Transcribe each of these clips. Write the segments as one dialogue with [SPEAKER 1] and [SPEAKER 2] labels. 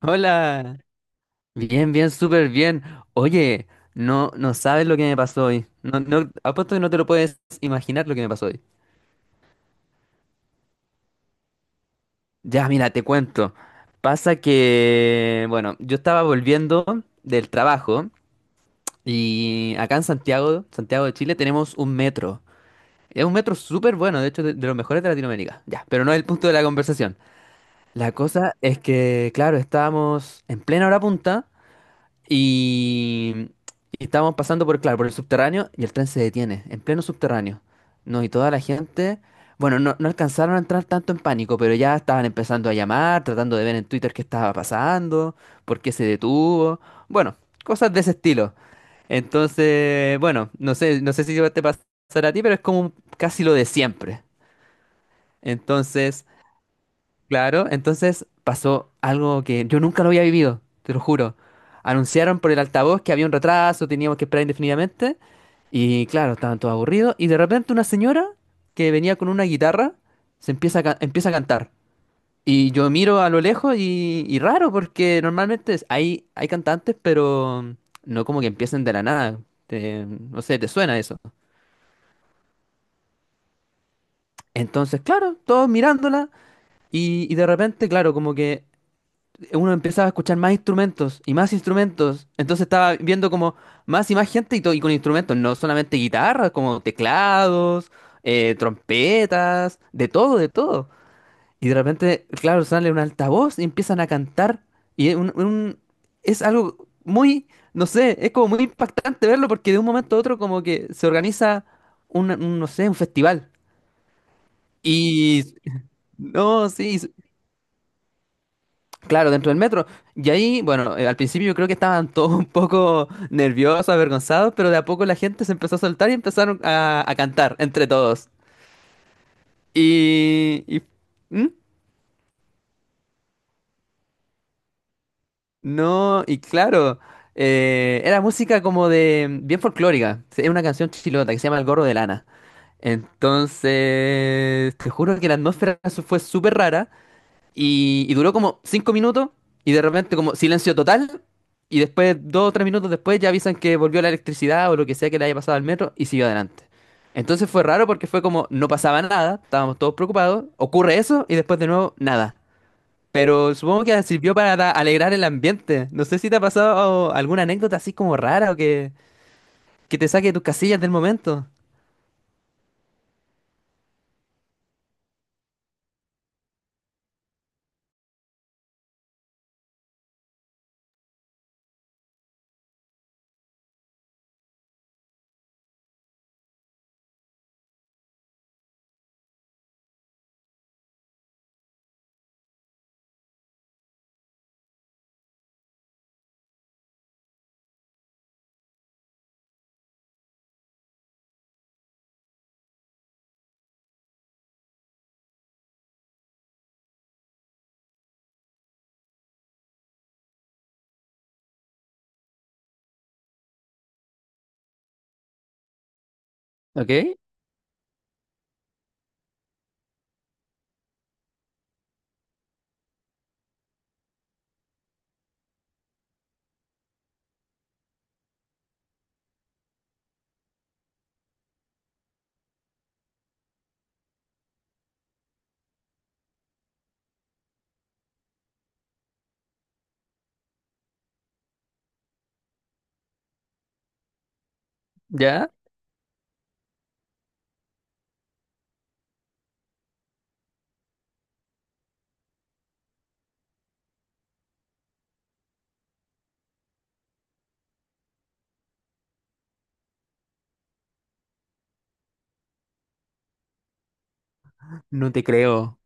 [SPEAKER 1] Hola, bien, bien, súper bien. Oye, no, no sabes lo que me pasó hoy. No, no, apuesto que no te lo puedes imaginar lo que me pasó hoy. Ya, mira, te cuento. Pasa que, bueno, yo estaba volviendo del trabajo y acá en Santiago, Santiago de Chile, tenemos un metro. Es un metro súper bueno, de hecho, de los mejores de Latinoamérica. Ya, pero no es el punto de la conversación. La cosa es que, claro, estábamos en plena hora punta. Y, y estábamos pasando por, claro, por el subterráneo y el tren se detiene, en pleno subterráneo. No, y toda la gente, bueno, no, no alcanzaron a entrar tanto en pánico, pero ya estaban empezando a llamar, tratando de ver en Twitter qué estaba pasando, por qué se detuvo, bueno, cosas de ese estilo. Entonces, bueno, no sé, no sé si te pasará a ti, pero es como casi lo de siempre. Entonces... Claro, entonces pasó algo que yo nunca lo había vivido, te lo juro. Anunciaron por el altavoz que había un retraso, teníamos que esperar indefinidamente. Y claro, estaban todos aburridos. Y de repente una señora que venía con una guitarra se empieza a, empieza a cantar. Y yo miro a lo lejos y raro, porque normalmente hay, hay cantantes, pero no como que empiecen de la nada. No sé, te suena eso. Entonces, claro, todos mirándola. Y de repente, claro, como que uno empezaba a escuchar más instrumentos y más instrumentos. Entonces estaba viendo como más y más gente y, y con instrumentos, no solamente guitarras, como teclados, trompetas, de todo, de todo. Y de repente, claro, sale un altavoz y empiezan a cantar. Y es es algo muy, no sé, es como muy impactante verlo porque de un momento a otro como que se organiza un, no sé, un festival. Y no, sí, claro, dentro del metro. Y ahí, bueno, al principio yo creo que estaban todos un poco nerviosos, avergonzados, pero de a poco la gente se empezó a soltar y empezaron a cantar entre todos. Y- ¿Mm? No, y claro, era música como de... bien folclórica. Sí, es una canción chilota que se llama El Gorro de Lana. Entonces, te juro que la atmósfera fue súper rara. Y duró como 5 minutos y de repente como silencio total. Y después, dos o tres minutos después, ya avisan que volvió la electricidad o lo que sea que le haya pasado al metro y siguió adelante. Entonces fue raro porque fue como no pasaba nada, estábamos todos preocupados, ocurre eso y después de nuevo nada. Pero supongo que sirvió para alegrar el ambiente. No sé si te ha pasado alguna anécdota así como rara o que te saque de tus casillas del momento. ¿Ok? ¿Ya? No te creo.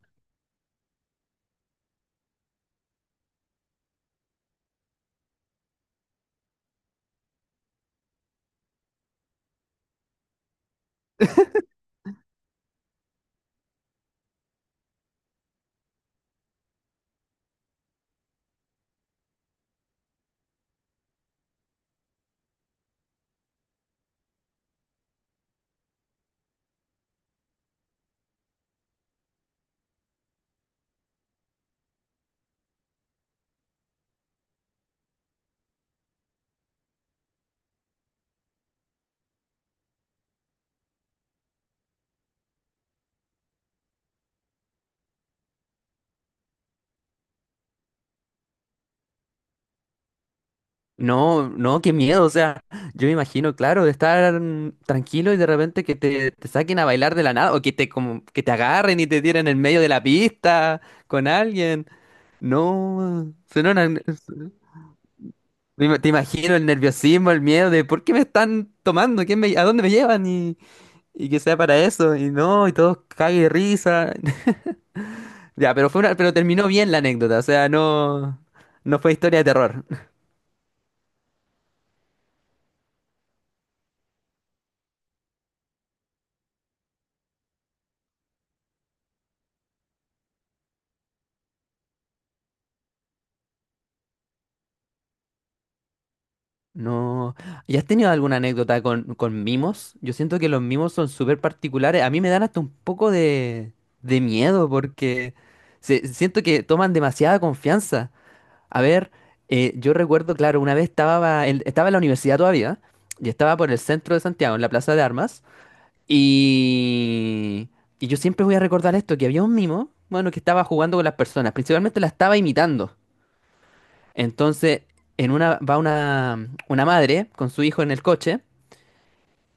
[SPEAKER 1] No, no, qué miedo, o sea, yo me imagino, claro, de estar tranquilo y de repente que te saquen a bailar de la nada o que te como que te agarren y te tiren en medio de la pista con alguien. No, suena una- te imagino el nerviosismo, el miedo de por qué me están tomando, ¿quién a dónde me llevan? Y, y que sea para eso y no, y todos cague de risa. Ya, pero fue una- pero terminó bien la anécdota, o sea, no no fue historia de terror. No. ¿Y has tenido alguna anécdota con mimos? Yo siento que los mimos son súper particulares. A mí me dan hasta un poco de miedo porque siento que toman demasiada confianza. A ver, yo recuerdo, claro, una vez estaba en, estaba en la universidad todavía y estaba por el centro de Santiago, en la Plaza de Armas. Y, y yo siempre voy a recordar esto, que había un mimo, bueno, que estaba jugando con las personas, principalmente la estaba imitando. Entonces, en una va una madre con su hijo en el coche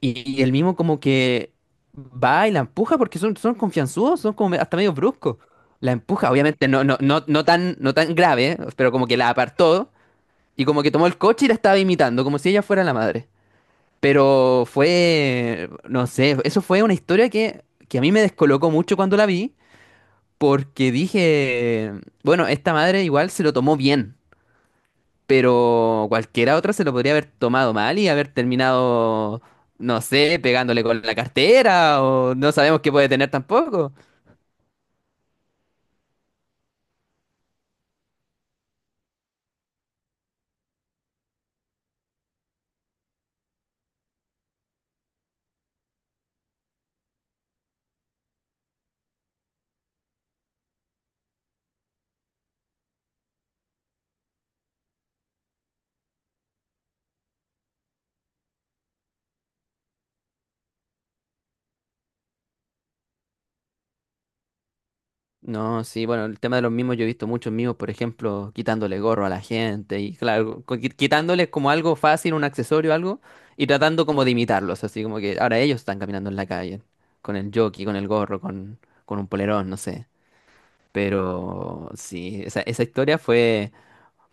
[SPEAKER 1] y el mismo como que va y la empuja porque son, son confianzudos, son como hasta medio bruscos. La empuja, obviamente no, no, no, no tan, no tan grave, ¿eh? Pero como que la apartó y como que tomó el coche y la estaba imitando, como si ella fuera la madre. Pero fue, no sé, eso fue una historia que a mí me descolocó mucho cuando la vi porque dije, bueno, esta madre igual se lo tomó bien. Pero cualquiera otra se lo podría haber tomado mal y haber terminado, no sé, pegándole con la cartera o no sabemos qué puede tener tampoco. No, sí, bueno, el tema de los mimos, yo he visto muchos mimos, por ejemplo, quitándole gorro a la gente y claro, quitándoles como algo fácil, un accesorio, algo, y tratando como de imitarlos, así como que ahora ellos están caminando en la calle, con el jockey, con el gorro, con un polerón, no sé. Pero sí, esa historia fue...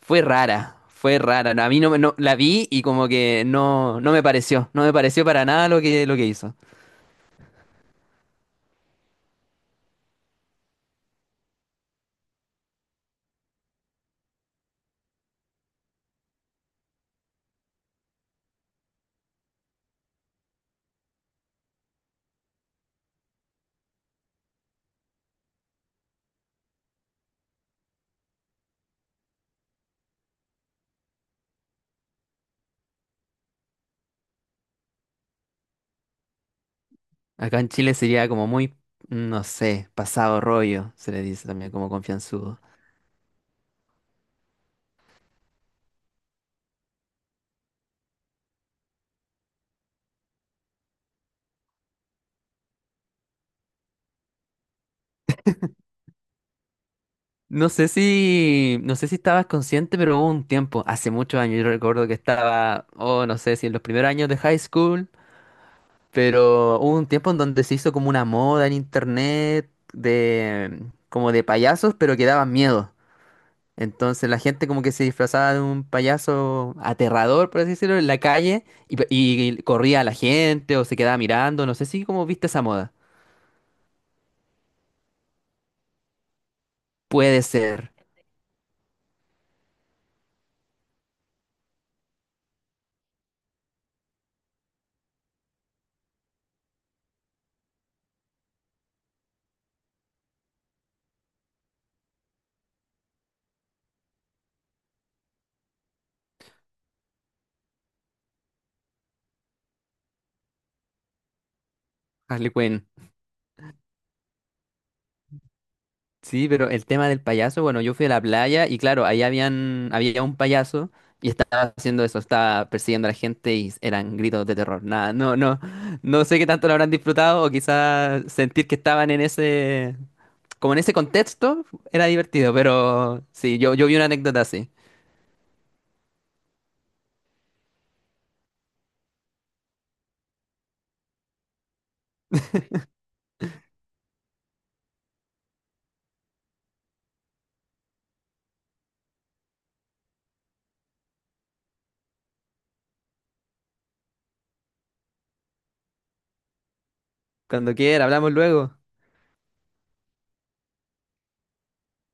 [SPEAKER 1] Fue rara, fue rara. No, a mí no, la vi y como que no, no me pareció, no me pareció para nada lo que, lo que hizo. Acá en Chile sería como muy, no sé, pasado rollo, se le dice también como confianzudo. No sé si, no sé si estabas consciente, pero hubo un tiempo, hace muchos años, yo recuerdo que estaba, oh, no sé si en los primeros años de high school, pero hubo un tiempo en donde se hizo como una moda en internet de, como de payasos, pero que daban miedo. Entonces la gente como que se disfrazaba de un payaso aterrador, por así decirlo, en la calle y, y corría a la gente o se quedaba mirando, no sé si como viste esa moda. Puede ser, Harley Quinn. Sí, pero el tema del payaso, bueno, yo fui a la playa y claro, ahí habían, había un payaso y estaba haciendo eso, estaba persiguiendo a la gente y eran gritos de terror. Nada, no, no, no sé qué tanto lo habrán disfrutado o quizás sentir que estaban en ese, como en ese contexto, era divertido, pero sí, yo vi una anécdota así. Cuando quiera, hablamos luego.